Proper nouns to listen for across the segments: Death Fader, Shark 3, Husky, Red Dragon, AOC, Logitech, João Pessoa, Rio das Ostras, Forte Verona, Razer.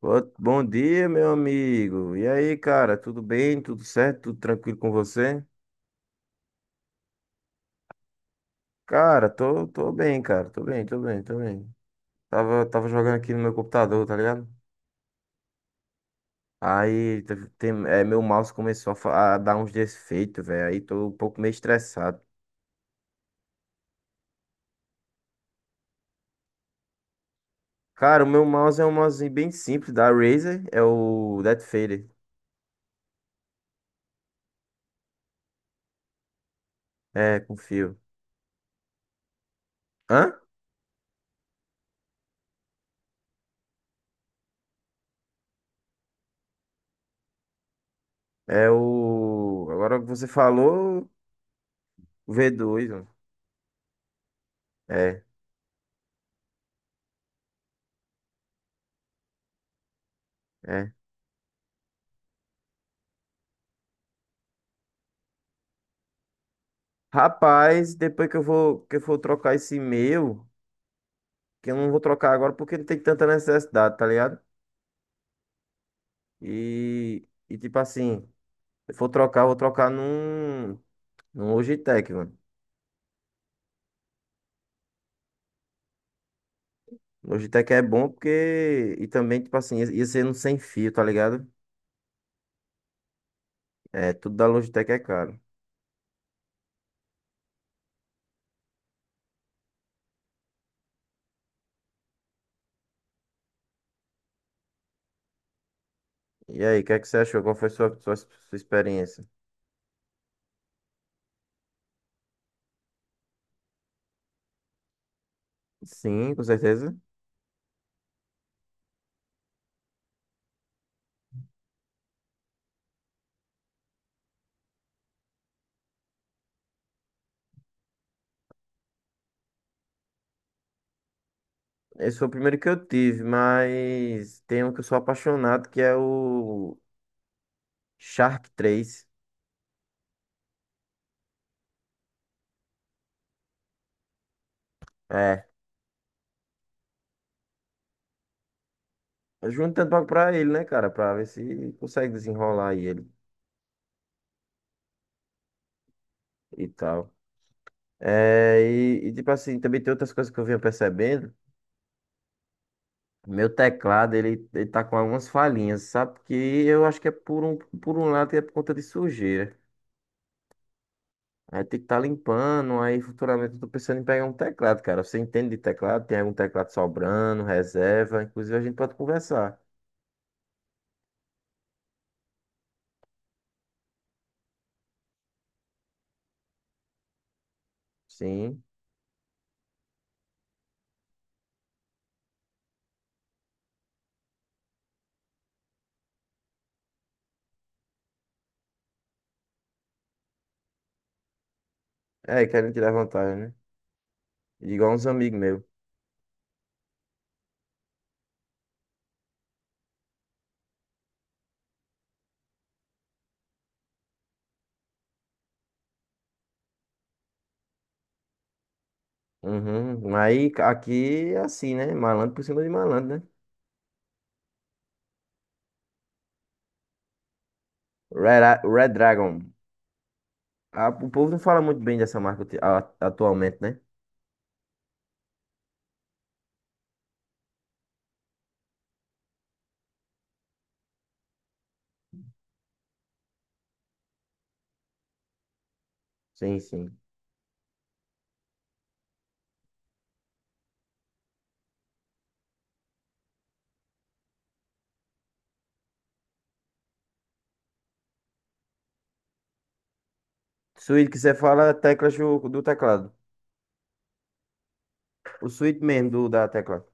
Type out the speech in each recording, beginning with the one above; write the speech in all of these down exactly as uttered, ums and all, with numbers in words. Bo- Bom dia, meu amigo. E aí, cara, tudo bem? Tudo certo? Tudo tranquilo com você? Cara, tô, tô bem, cara. Tô bem, tô bem, tô bem. Tava, tava jogando aqui no meu computador, tá ligado? Aí teve- tem, é, meu mouse começou a, fa- a dar uns defeitos, velho. Aí tô um pouco meio estressado. Cara, o meu mouse é um mouse bem simples da Razer. É o Death Fader. É, com fio. Hã? É o. Agora que você falou, o v dois, mano. É. É. Rapaz, depois que eu vou, que eu for trocar esse e-mail, que eu não vou trocar agora porque não tem tanta necessidade, tá ligado? E, e tipo assim, se eu for trocar, eu vou trocar num, num Logitech, mano. Logitech é bom porque, e também, tipo assim, ia, ia ser um sem fio, tá ligado? É, tudo da Logitech é caro. E aí, o que é que você achou? Qual foi sua, sua, sua experiência? Sim, com certeza. Esse foi o primeiro que eu tive, mas tem um que eu sou apaixonado, que é o Shark 3. Juntando pra, pra ele, né, cara? Pra ver se consegue desenrolar aí ele e tal. É, e, e, tipo assim, também tem outras coisas que eu venho percebendo. Meu teclado, ele, ele tá com algumas falhinhas, sabe? Porque eu acho que é por um, por um lado que é por conta de sujeira. Aí tem que estar tá limpando, aí futuramente eu tô pensando em pegar um teclado, cara. Você entende de teclado? Tem algum teclado sobrando, reserva? Inclusive a gente pode conversar. Sim. É, querem tirar vantagem, né? Igual uns amigos meus. Uhum. Aí aqui é assim, né? Malandro por cima de malandro, né? Red, A- Red Dragon. Ah, o povo não fala muito bem dessa marca ati- a- atualmente, né? Sim, sim. Suíte que você fala é teclas do, do teclado. O suíte mesmo do, da tecla.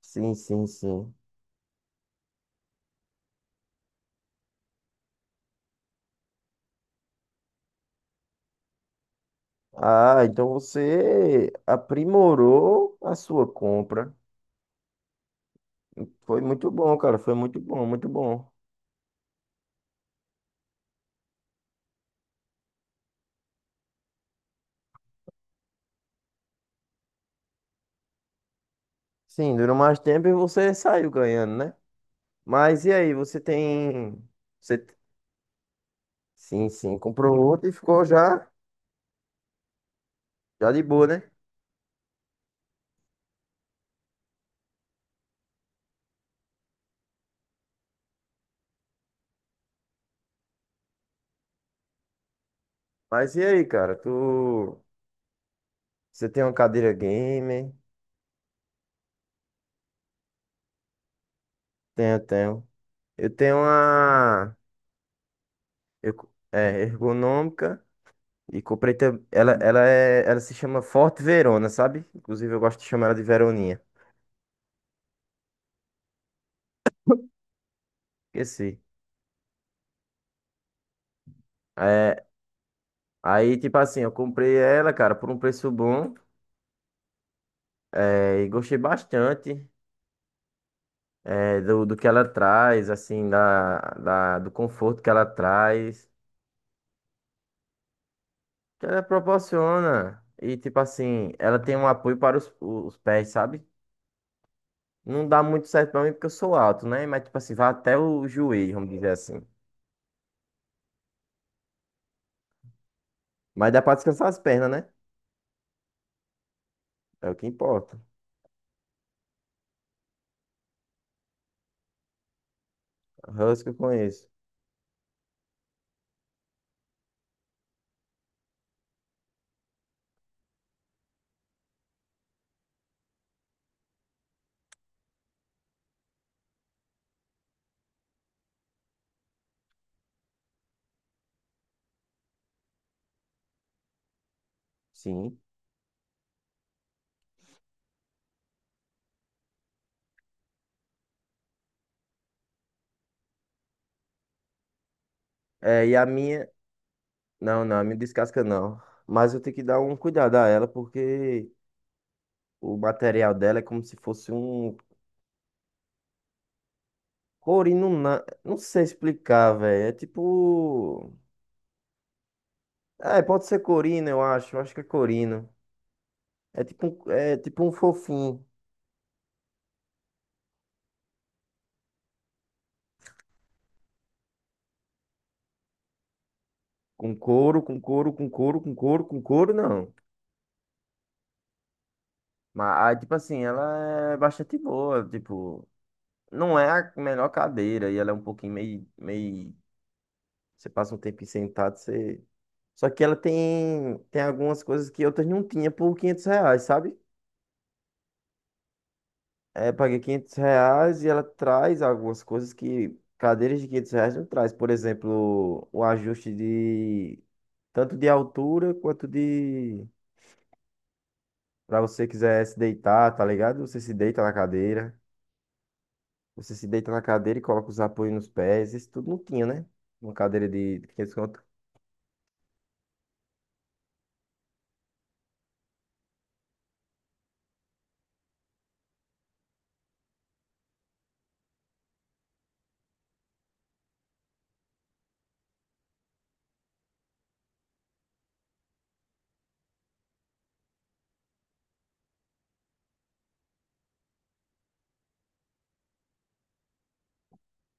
Sim, sim, sim. Ah, então você aprimorou a sua compra. Foi muito bom, cara. Foi muito bom, muito bom. Sim, durou mais tempo e você saiu ganhando, né? Mas e aí, você tem. Você. Sim, sim. Comprou outro e ficou já, já de boa, né? Mas e aí, cara? Tu, você tem uma cadeira gamer? Tenho, tenho. Eu tenho uma, eu co- é, ergonômica e comprei, tam- ela, ela é, ela se chama Forte Verona, sabe? Inclusive eu gosto de chamar ela de Veroninha. Esqueci. É, aí, tipo assim, eu comprei ela, cara, por um preço bom, é, e gostei bastante, é, do, do que ela traz, assim, da, da, do conforto que ela traz. Ela proporciona. E, tipo assim, ela tem um apoio para os, os pés, sabe? Não dá muito certo pra mim porque eu sou alto, né? Mas, tipo assim, vai até o joelho, vamos dizer assim. Mas dá pra descansar as pernas, né? É o que importa. Husky eu conheço. Sim. É, e a minha. Não, não, a minha descasca não. Mas eu tenho que dar um cuidado a ela porque o material dela é como se fosse um. Corino, na- não sei explicar, velho. É tipo. É, pode ser corino, eu acho. Eu acho que é corino. É tipo um, é tipo um fofinho. Com couro, com couro, com couro, com couro, com couro, não. Mas, aí, tipo assim, ela é bastante boa. Tipo, não é a melhor cadeira. E ela é um pouquinho meio, meio... Você passa um tempo sentado, você... Só que ela tem, tem algumas coisas que outras não tinha por quinhentos reais, sabe? É, paguei quinhentos reais e ela traz algumas coisas que cadeiras de quinhentos reais não traz. Por exemplo, o ajuste de... Tanto de altura quanto de... Pra você quiser se deitar, tá ligado? Você se deita na cadeira. Você se deita na cadeira e coloca os apoios nos pés. Isso tudo não tinha, né? Uma cadeira de quinhentos conto.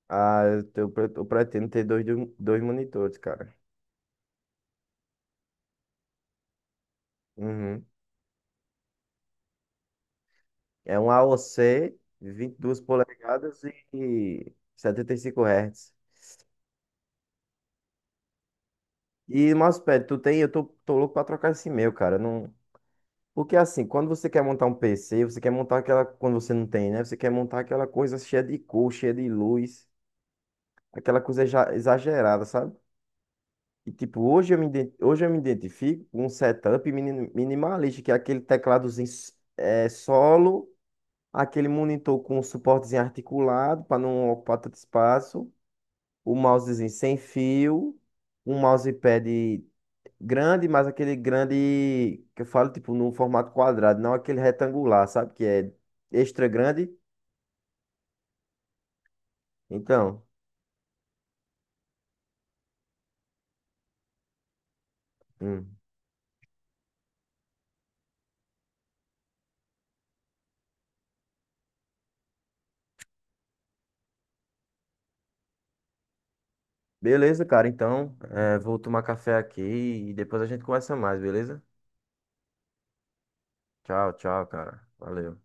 Ah, eu, te- eu pre- eu pretendo ter dois, de- um, dois monitores, cara. Uhum. É um A O C, duas polegadas e setenta e cinco Hz. E mousepad, tu tem? Eu tô, tô louco pra trocar esse meu, cara. Não... Porque assim, quando você quer montar um P C, você quer montar aquela. Quando você não tem, né? Você quer montar aquela coisa cheia de cor, cheia de luz. Aquela coisa exa- exagerada, sabe? E tipo, hoje eu me, iden- hoje eu me identifico com um setup mini- minimalista, que é aquele tecladozinho s- é, solo, aquele monitor com um suportezinho articulado para não ocupar tanto espaço, o mousezinho sem fio, um mousepad grande, mas aquele grande que eu falo, tipo, num formato quadrado, não aquele retangular, sabe? Que é extra grande. Então. Hum. Beleza, cara. Então, eh, vou tomar café aqui e depois a gente conversa mais, beleza? Tchau, tchau, cara. Valeu.